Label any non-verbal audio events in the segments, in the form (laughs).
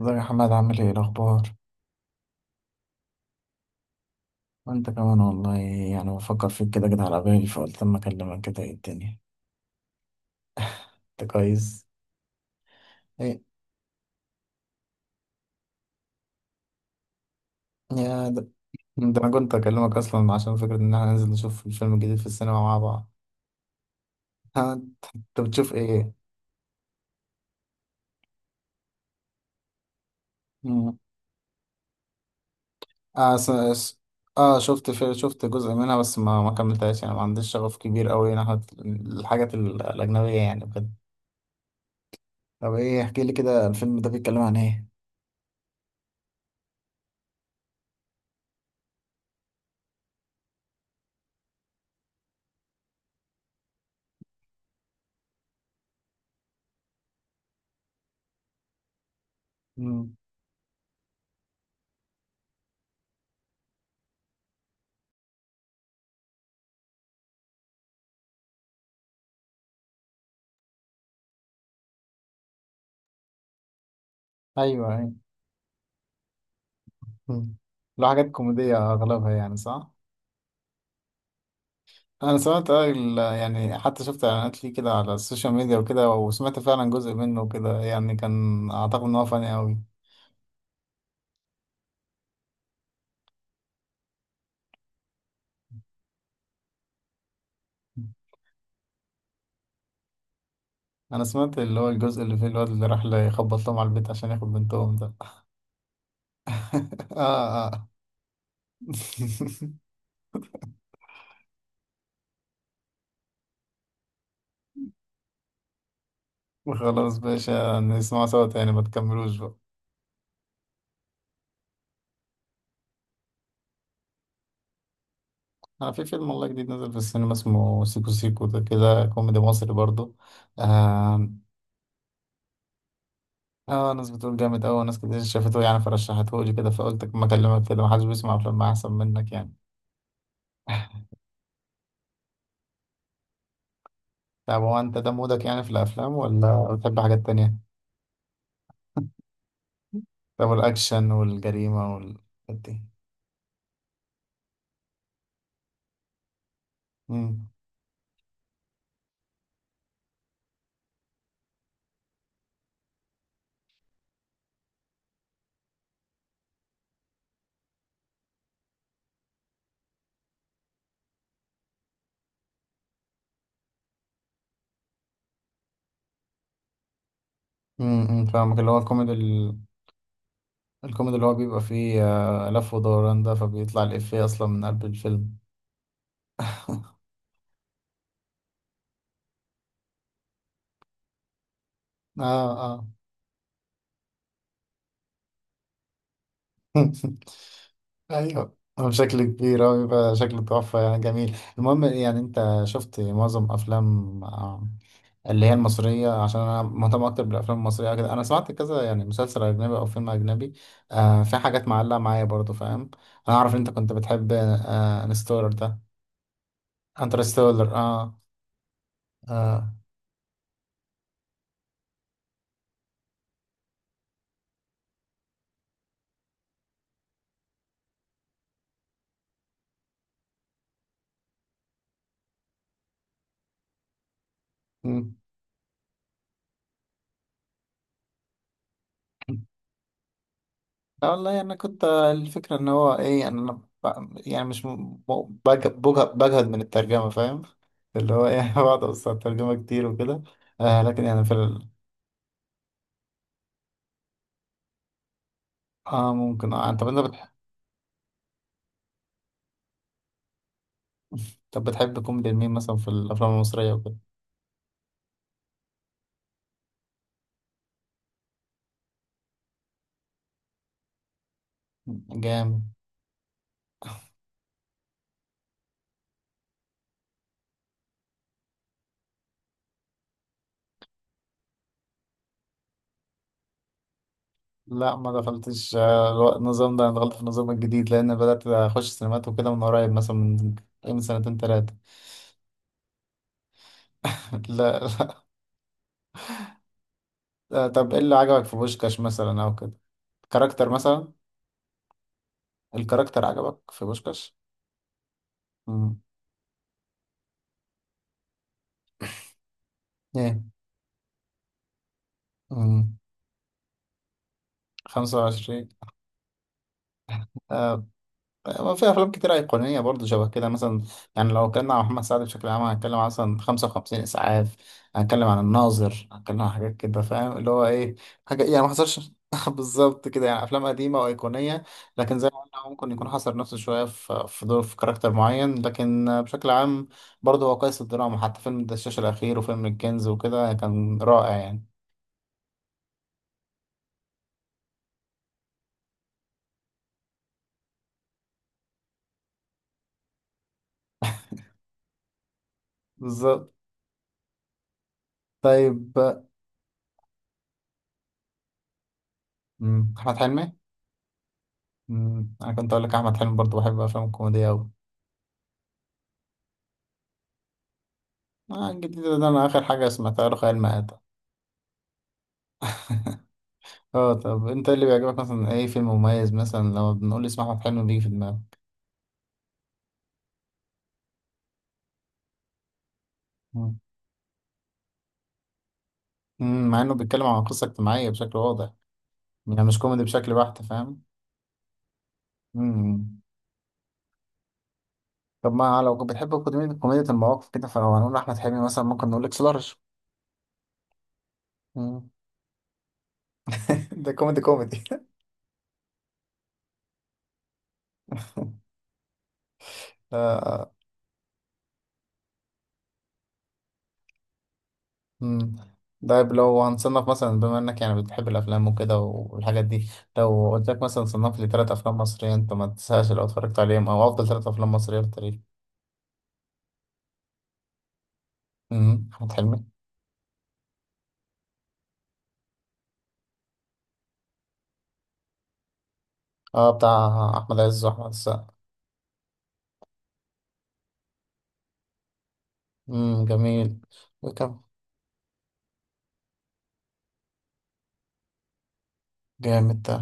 ازيك يا حماد؟ عامل ايه الاخبار؟ وانت كمان والله. يعني بفكر فيك كده كده على بالي فقلت اما اكلمك كده. ايه الدنيا؟ انت كويس؟ ايه يا ده, ده انا كنت اكلمك اصلا عشان فكرة ان احنا ننزل نشوف الفيلم الجديد في السينما مع بعض. ها، انت بتشوف ايه؟ مم. اه اه شفت شفت جزء منها بس ما كملتهاش، يعني ما عنديش شغف كبير قوي ناحية الحاجات الاجنبية يعني بجد. طب ايه، احكي لي كده الفيلم ده بيتكلم عن ايه؟ مم. ايوه ايوه. مم. لو حاجات كوميدية أغلبها يعني، صح؟ أنا سمعت يعني حتى شفت إعلانات ليه كده على السوشيال ميديا وكده، وسمعت فعلا جزء منه كده، يعني كان أعتقد إن هو فاني أوي. أنا سمعت اللي هو الجزء اللي فيه الواد اللي راح يخبط لهم على البيت عشان ياخد بنتهم ده. (laughs) آه آه. (laughs) وخلاص باشا، نسمعه سوا تاني، ما تكملوش بقى. أنا في فيلم والله جديد نزل في السينما، اسمه سيكو سيكو، ده كده كوميدي مصري برضه. آه، اه ناس بتقول جامد اوي، ناس كتير شافته يعني فرشحته لي كده، فقلت ما اكلمك كده، محدش بيسمع افلام احسن منك يعني. (laughs) طب هو انت ده مودك يعني في الافلام، ولا بتحب حاجات تانية؟ طب الاكشن والجريمة والحاجات دي؟ امم. امم، فاهمك، اللي هو الكوميدي الكوميدي اللي هو بيبقى فيه لف ودوران، ده فبيطلع الإفيه اصلا من قلب الفيلم. اه اه. (laughs) ايوه، هو بشكل كبير هو بيبقى شكله تحفة يعني، جميل. المهم يعني انت شفت معظم افلام اللي هي المصرية؟ عشان أنا مهتم أكتر بالأفلام المصرية كده، أنا سمعت كذا يعني مسلسل أجنبي أو فيلم أجنبي. آه في حاجات معلقة معايا برضو، فاهم؟ أنا أعرف إن أنت كنت بتحب انستولر ده. انترستولر، آه. آه. مم. لا والله أنا كنت الفكرة إن هو إيه، يعني أنا ب- يعني مش م- م- بج- بجه- بجهد من الترجمة، فاهم؟ اللي هو إيه، (laughs) بقعد أبص على الترجمة كتير وكده. آه لكن يعني آه ممكن. آه طب (laughs) طب بتحب كوميدي مين مثلا في الأفلام المصرية؟ جامد. لا ما دخلتش النظام ده، انا دخلت في النظام الجديد، لان بدات اخش سينمات وكده من قريب، مثلا من من سنتين ثلاثه. (laughs) لا, لا طب ايه اللي عجبك في بوشكاش مثلا او كده؟ كاركتر مثلا؟ الكاركتر عجبك في بوشكاش؟ امم. ايه. امم. 25. ما في افلام كتير ايقونيه برضه شبه كده مثلا. يعني لو اتكلمنا عن محمد سعد بشكل عام، هنتكلم عن مثلا 55 اسعاف، هنتكلم عن الناظر، هنتكلم عن حاجات كده، فاهم اللي هو ايه، حاجه يعني ما حصلش (laughs) بالظبط كده يعني، افلام قديمه وايقونيه. لكن زي ما قلنا، هو ممكن يكون حصر نفسه شويه في دور في كاركتر معين، لكن بشكل عام برضه هو قيس الدراما، حتى فيلم الدشاش الاخير وفيلم الكنز وكده كان رائع يعني. بالظبط. طيب. مم، احمد حلمي. مم، انا كنت اقول لك احمد حلمي برضه، بحب افلام الكوميديا. آه الجديد ده أنا آخر حاجة سمعتها له خيال مآتة. اه طب أنت إيه اللي بيعجبك مثلا، أي فيلم مميز مثلا لو بنقول اسم أحمد حلمي بيجي في دماغك؟ مم. مم، مع إنه بيتكلم عن قصة اجتماعية بشكل واضح، يعني مش كوميدي بشكل بحت، فاهم؟ مم. طب ما لو كنت بتحب كوميدي، كوميديا المواقف كده، فلو هنقول أحمد حلمي مثلا، ممكن نقول لك سلارش. مم. (laughs) ده كوميدي كوميدي. (laughs) مم. طيب لو هنصنف مثلا، بما انك يعني بتحب الافلام وكده والحاجات دي، لو قلت لك مثلا صنف لي ثلاث افلام مصريه انت ما تنساش لو اتفرجت عليهم، او افضل ثلاث افلام مصريه في التاريخ. امم، احمد حلمي. اه بتاع احمد عز واحمد السقا. جميل. وكم. جامد ده.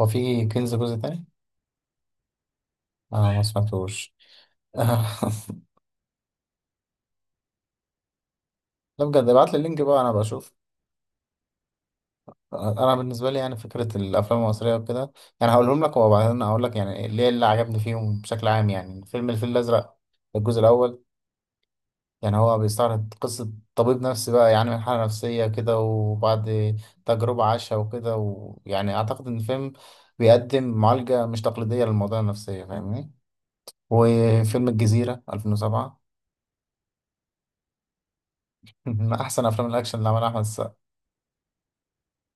هو في كنز جزء تاني؟ اه ما سمعتوش. (laughs) لا بجد، ابعت لي اللينك بقى انا بشوف. انا بالنسبه لي يعني فكره الافلام المصريه وكده، يعني هقولهم لك وبعدين اقول لك يعني ليه اللي عجبني فيهم بشكل عام. يعني فيلم الفيل الازرق الجزء الاول، يعني هو بيستعرض قصه طبيب نفسي بقى، يعني من حاله نفسيه كده وبعد تجربه عاشها وكده، ويعني اعتقد ان الفيلم بيقدم معالجه مش تقليديه للمواضيع النفسيه، فاهمني؟ وفيلم الجزيره 2007، (laughs) من احسن افلام الاكشن اللي عملها احمد.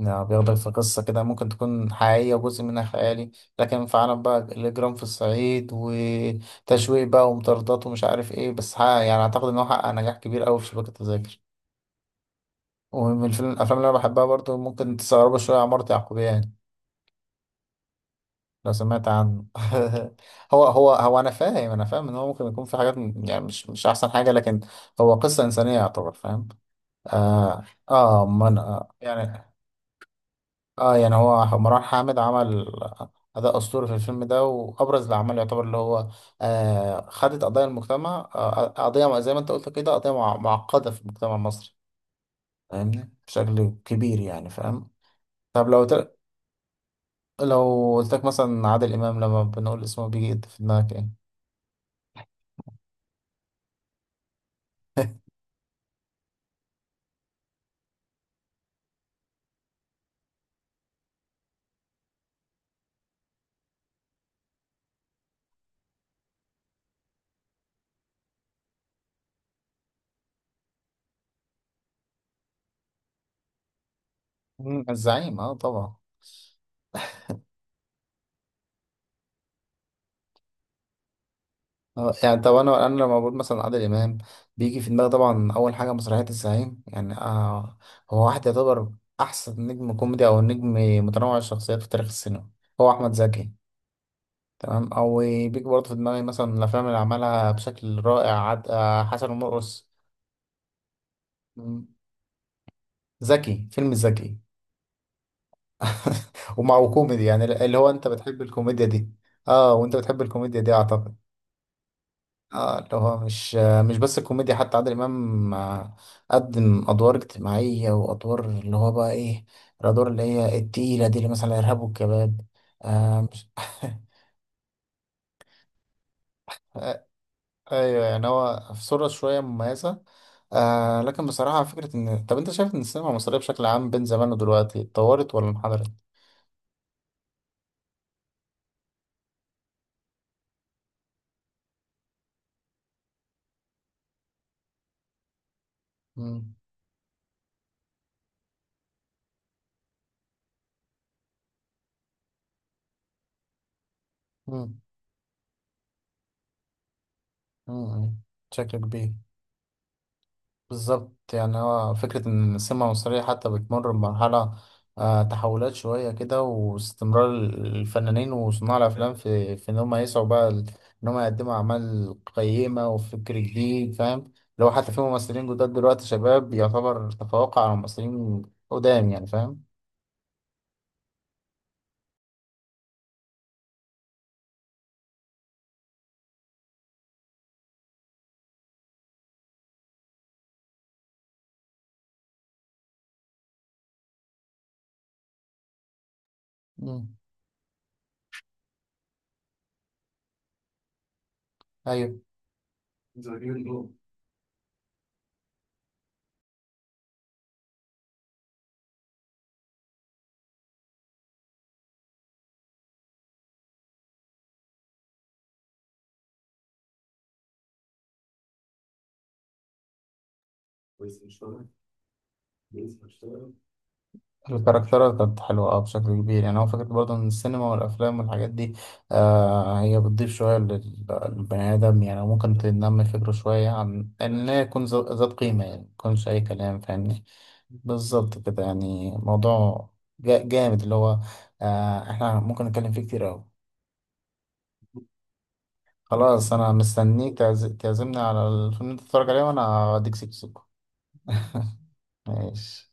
يعني بياخدك في قصة كده ممكن تكون حقيقية وجزء منها خيالي، لكن في عالم بقى الإجرام في الصعيد، وتشويق بقى ومطاردات ومش عارف إيه، بس ها يعني أعتقد إن هو حقق نجاح كبير أوي في شبكة التذاكر. ومن الفيلم الأفلام اللي أنا بحبها برضو، ممكن تستغربوا شوية، عمارة يعقوبيان، يعني لو سمعت عنه. (laughs) هو أنا فاهم، أنا فاهم إن هو ممكن يكون في حاجات يعني مش أحسن حاجة، لكن هو قصة إنسانية يعتبر، فاهم؟ آه. آه من آه يعني، اه يعني هو مروان حامد عمل أداء أسطوري في الفيلم ده، وأبرز الأعمال يعتبر، اللي هو آه خدت قضايا المجتمع، آه قضية زي ما أنت قلت كده، قضية معقدة في المجتمع المصري، فاهمني بشكل كبير يعني، فاهم؟ طب لو تل... لو قلت لك مثلا عادل إمام لما بنقول اسمه بيجي في دماغك إيه؟ مم، الزعيم، اه طبعا. اه يعني طب، انا لما بقول مثلا عادل امام بيجي في دماغي طبعا اول حاجه مسرحيه الزعيم، يعني آه هو واحد يعتبر احسن نجم كوميدي، او نجم متنوع الشخصيات في تاريخ السينما هو احمد زكي. تمام. او بيجي برضه في دماغي مثلا الافلام اللي عملها بشكل رائع، آه حسن ومرقص. مم. زكي، فيلم زكي. (laughs) ومع، وكوميدي يعني اللي هو انت بتحب الكوميديا دي. اه، وانت بتحب الكوميديا دي اعتقد. اه اللي هو مش بس الكوميديا، حتى عادل امام قدم ادوار اجتماعيه، وادوار اللي هو بقى ايه، الادوار اللي هي التقيله دي، اللي مثلا الارهاب والكباب. آه مش. (laughs) آه، ايوه، يعني هو في صوره شويه مميزه. آه لكن بصراحه، فكره ان، طب انت شايف ان السينما المصريه بشكل عام بين زمان ودلوقتي اتطورت ولا انحدرت؟ مم، مم، مم، مم، بشكل كبير. بالظبط. يعني هو فكرة إن السمة المصرية حتى بتمر بمرحلة تحولات شوية كده، واستمرار الفنانين وصناع الأفلام في إن هم يسعوا بقى إن هم يقدموا أعمال قيمة وفكر جديد، فاهم؟ لو حتى في ممثلين جداد دلوقتي شباب يعتبر تفوق على ممثلين قدام يعني، فاهم؟ مم. أيوه. الكاركترات كانت حلوة أه بشكل كبير. يعني هو فكرة برضه إن السينما والأفلام والحاجات دي آه هي بتضيف شوية للبني آدم، يعني ممكن تنمي فكره شوية عن إن هي يكون ذات قيمة، يعني ميكونش أي كلام، فاهمني؟ بالظبط كده. يعني موضوع جامد، اللي هو آه إحنا ممكن نتكلم فيه كتير أوي. خلاص، أنا مستنيك تعزمني على الفيلم اللي أنت تتفرج عليه، وأنا هديك سكسوكة. (laughs) ماشي.